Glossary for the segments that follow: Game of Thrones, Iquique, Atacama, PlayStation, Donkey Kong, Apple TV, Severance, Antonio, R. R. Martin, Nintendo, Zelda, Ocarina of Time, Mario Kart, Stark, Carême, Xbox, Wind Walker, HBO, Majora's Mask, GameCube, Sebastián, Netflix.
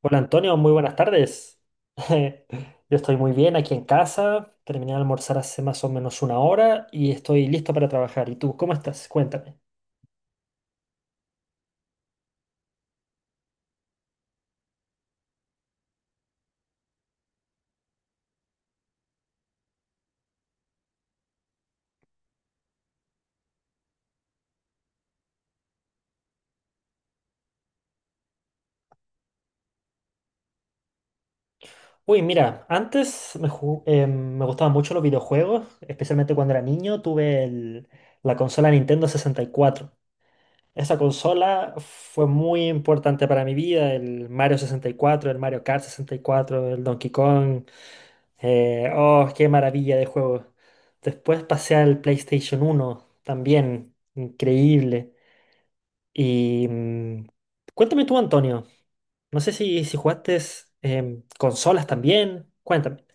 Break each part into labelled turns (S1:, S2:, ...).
S1: Hola Antonio, muy buenas tardes. Yo estoy muy bien aquí en casa, terminé de almorzar hace más o menos una hora y estoy listo para trabajar. ¿Y tú cómo estás? Cuéntame. Uy, mira, me gustaban mucho los videojuegos, especialmente cuando era niño, la consola Nintendo 64. Esa consola fue muy importante para mi vida, el Mario 64, el Mario Kart 64, el Donkey Kong. Oh, Qué maravilla de juego. Después pasé al PlayStation uno, también increíble. Y mm, Cuéntame tú, Antonio, no sé si jugaste consolas también. Cuéntame.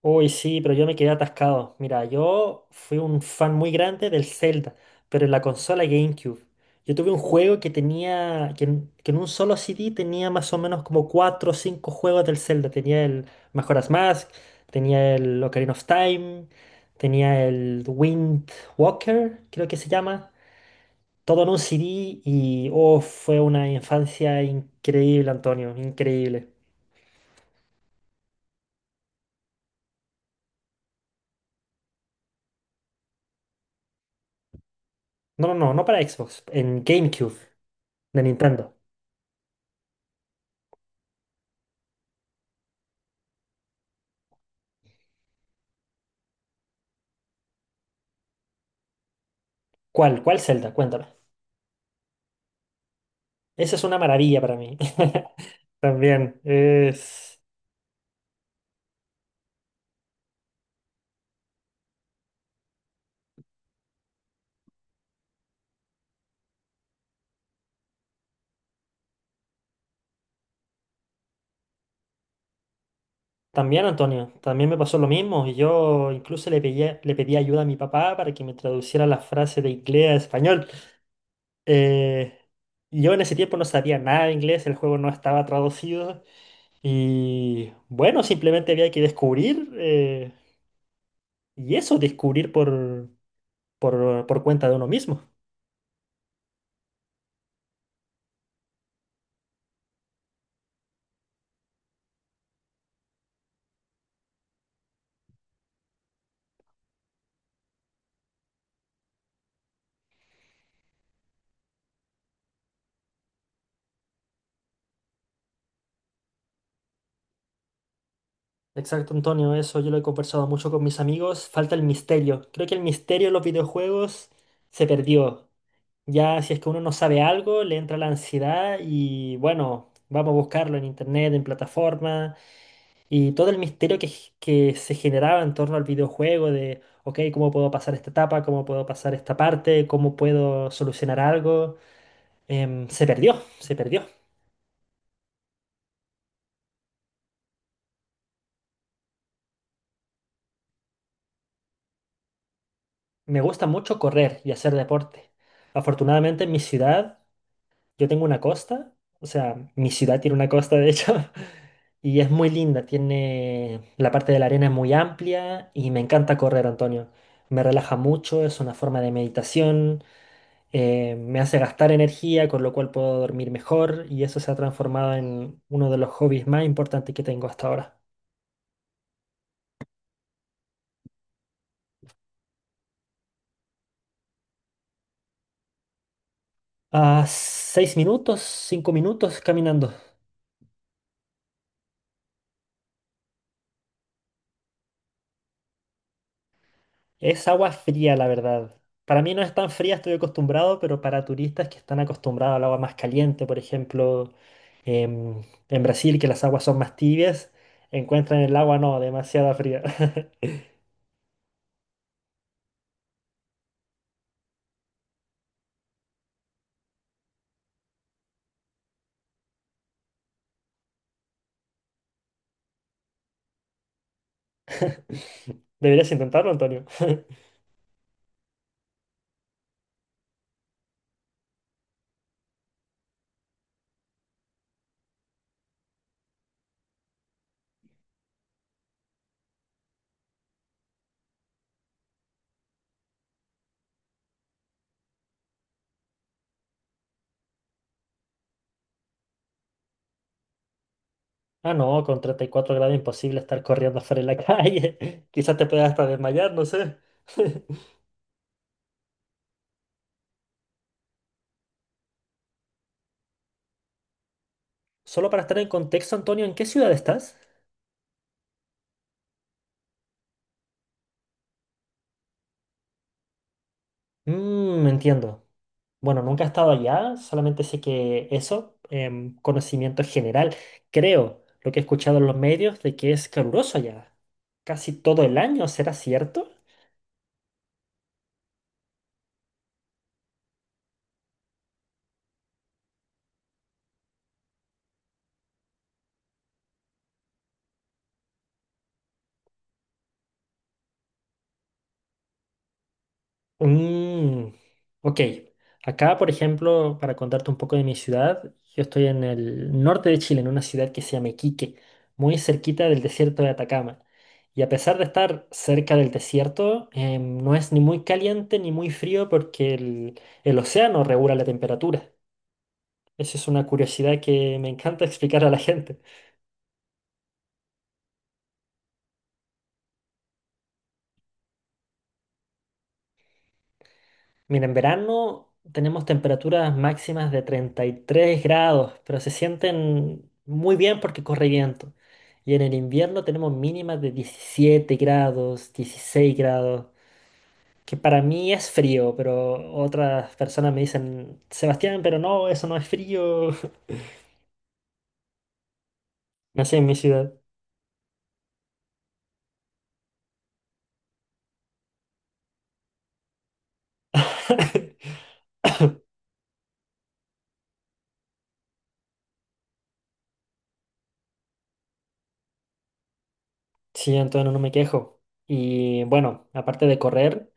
S1: Uy, sí, pero yo me quedé atascado. Mira, yo fui un fan muy grande del Zelda, pero en la consola GameCube. Yo tuve un juego que tenía, que en un solo CD tenía más o menos como 4 o 5 juegos del Zelda. Tenía el Majora's Mask, tenía el Ocarina of Time, tenía el Wind Walker, creo que se llama. Todo en un CD y fue una infancia increíble, Antonio, increíble. No, no, no, no para Xbox, en GameCube de Nintendo. ¿Cuál? ¿Cuál Zelda? Cuéntame. Esa es una maravilla para mí. También es... También, Antonio, también me pasó lo mismo. Yo incluso le pedí ayuda a mi papá para que me traduciera la frase de inglés a español. Eh, yo en ese tiempo no sabía nada de inglés, el juego no estaba traducido. Y bueno, simplemente había que descubrir, y eso, descubrir por cuenta de uno mismo. Exacto, Antonio, eso yo lo he conversado mucho con mis amigos. Falta el misterio. Creo que el misterio en los videojuegos se perdió. Ya si es que uno no sabe algo, le entra la ansiedad y bueno, vamos a buscarlo en internet, en plataforma, y todo el misterio que, que se generaba en torno al videojuego de, ok, ¿cómo puedo pasar esta etapa? ¿Cómo puedo pasar esta parte? ¿Cómo puedo solucionar algo? Se perdió, se perdió. Me gusta mucho correr y hacer deporte. Afortunadamente en mi ciudad... Yo tengo una costa, o sea, mi ciudad tiene una costa de hecho, y es muy linda, tiene la parte de la arena es muy amplia y me encanta correr, Antonio. Me relaja mucho, es una forma de meditación, me hace gastar energía, con lo cual puedo dormir mejor y eso se ha transformado en uno de los hobbies más importantes que tengo hasta ahora. A seis minutos, cinco minutos caminando. Es agua fría, la verdad. Para mí no es tan fría, estoy acostumbrado, pero para turistas que están acostumbrados al agua más caliente, por ejemplo, em, en Brasil, que las aguas son más tibias, encuentran el agua no, demasiada fría. Deberías intentarlo, Antonio. Ah, no, con 34 grados imposible estar corriendo afuera en la calle. Quizás te puedas hasta desmayar, no sé. Solo para estar en contexto, Antonio, ¿en qué ciudad estás? Mmm, entiendo. Bueno, nunca he estado allá, solamente sé que eso, conocimiento general, creo, lo que he escuchado en los medios de que es caluroso allá, casi todo el año, ¿será cierto? Mm, ok, acá, por ejemplo, para contarte un poco de mi ciudad, yo estoy en el norte de Chile, en una ciudad que se llama Iquique, muy cerquita del desierto de Atacama. Y a pesar de estar cerca del desierto, no es ni muy caliente ni muy frío porque el océano regula la temperatura. Esa es una curiosidad que me encanta explicar a la gente. Mira, en verano tenemos temperaturas máximas de 33 grados, pero se sienten muy bien porque corre viento. Y en el invierno tenemos mínimas de 17 grados, 16 grados, que para mí es frío, pero otras personas me dicen, Sebastián, pero no, eso no es frío. Nací en mi ciudad. Sí, entonces no me quejo. Y bueno, aparte de correr.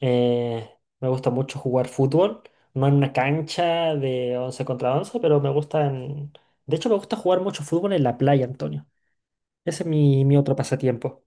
S1: Eh, Me gusta mucho jugar fútbol, no en una cancha de 11 contra once, pero me gusta en... De hecho, me gusta jugar mucho fútbol en la playa, Antonio. Ese es mi otro pasatiempo.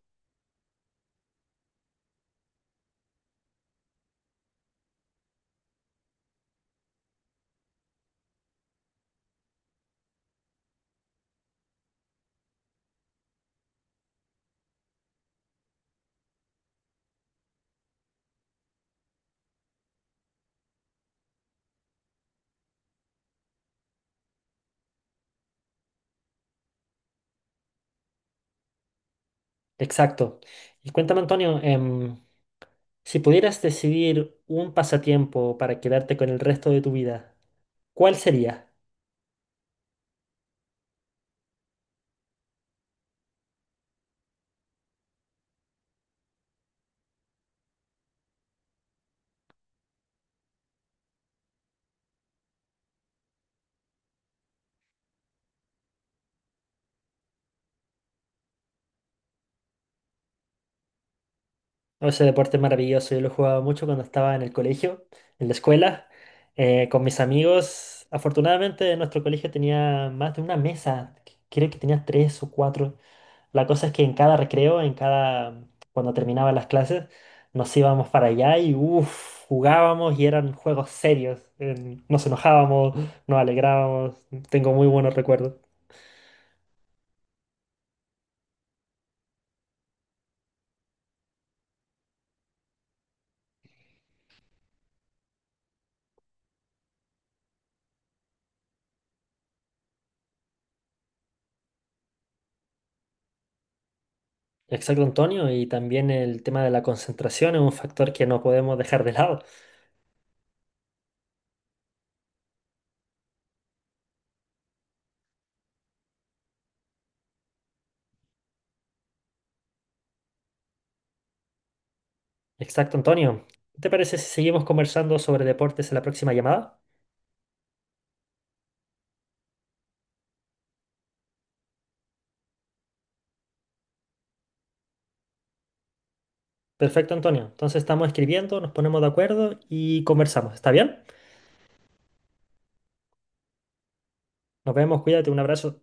S1: Exacto. Y cuéntame, Antonio, si pudieras decidir un pasatiempo para quedarte con el resto de tu vida, ¿cuál sería? No, ese deporte es maravilloso, yo lo jugaba mucho cuando estaba en el colegio, en la escuela, con mis amigos. Afortunadamente nuestro colegio tenía más de una mesa, creo que tenía tres o cuatro. La cosa es que en cada recreo, cuando terminaban las clases, nos íbamos para allá y uff, jugábamos y eran juegos serios. Nos enojábamos, nos alegrábamos, tengo muy buenos recuerdos. Exacto, Antonio, y también el tema de la concentración es un factor que no podemos dejar de lado. Exacto, Antonio. ¿Qué ¿Te parece si seguimos conversando sobre deportes en la próxima llamada? Perfecto, Antonio. Entonces estamos escribiendo, nos ponemos de acuerdo y conversamos. ¿Está bien? Nos vemos, cuídate, un abrazo.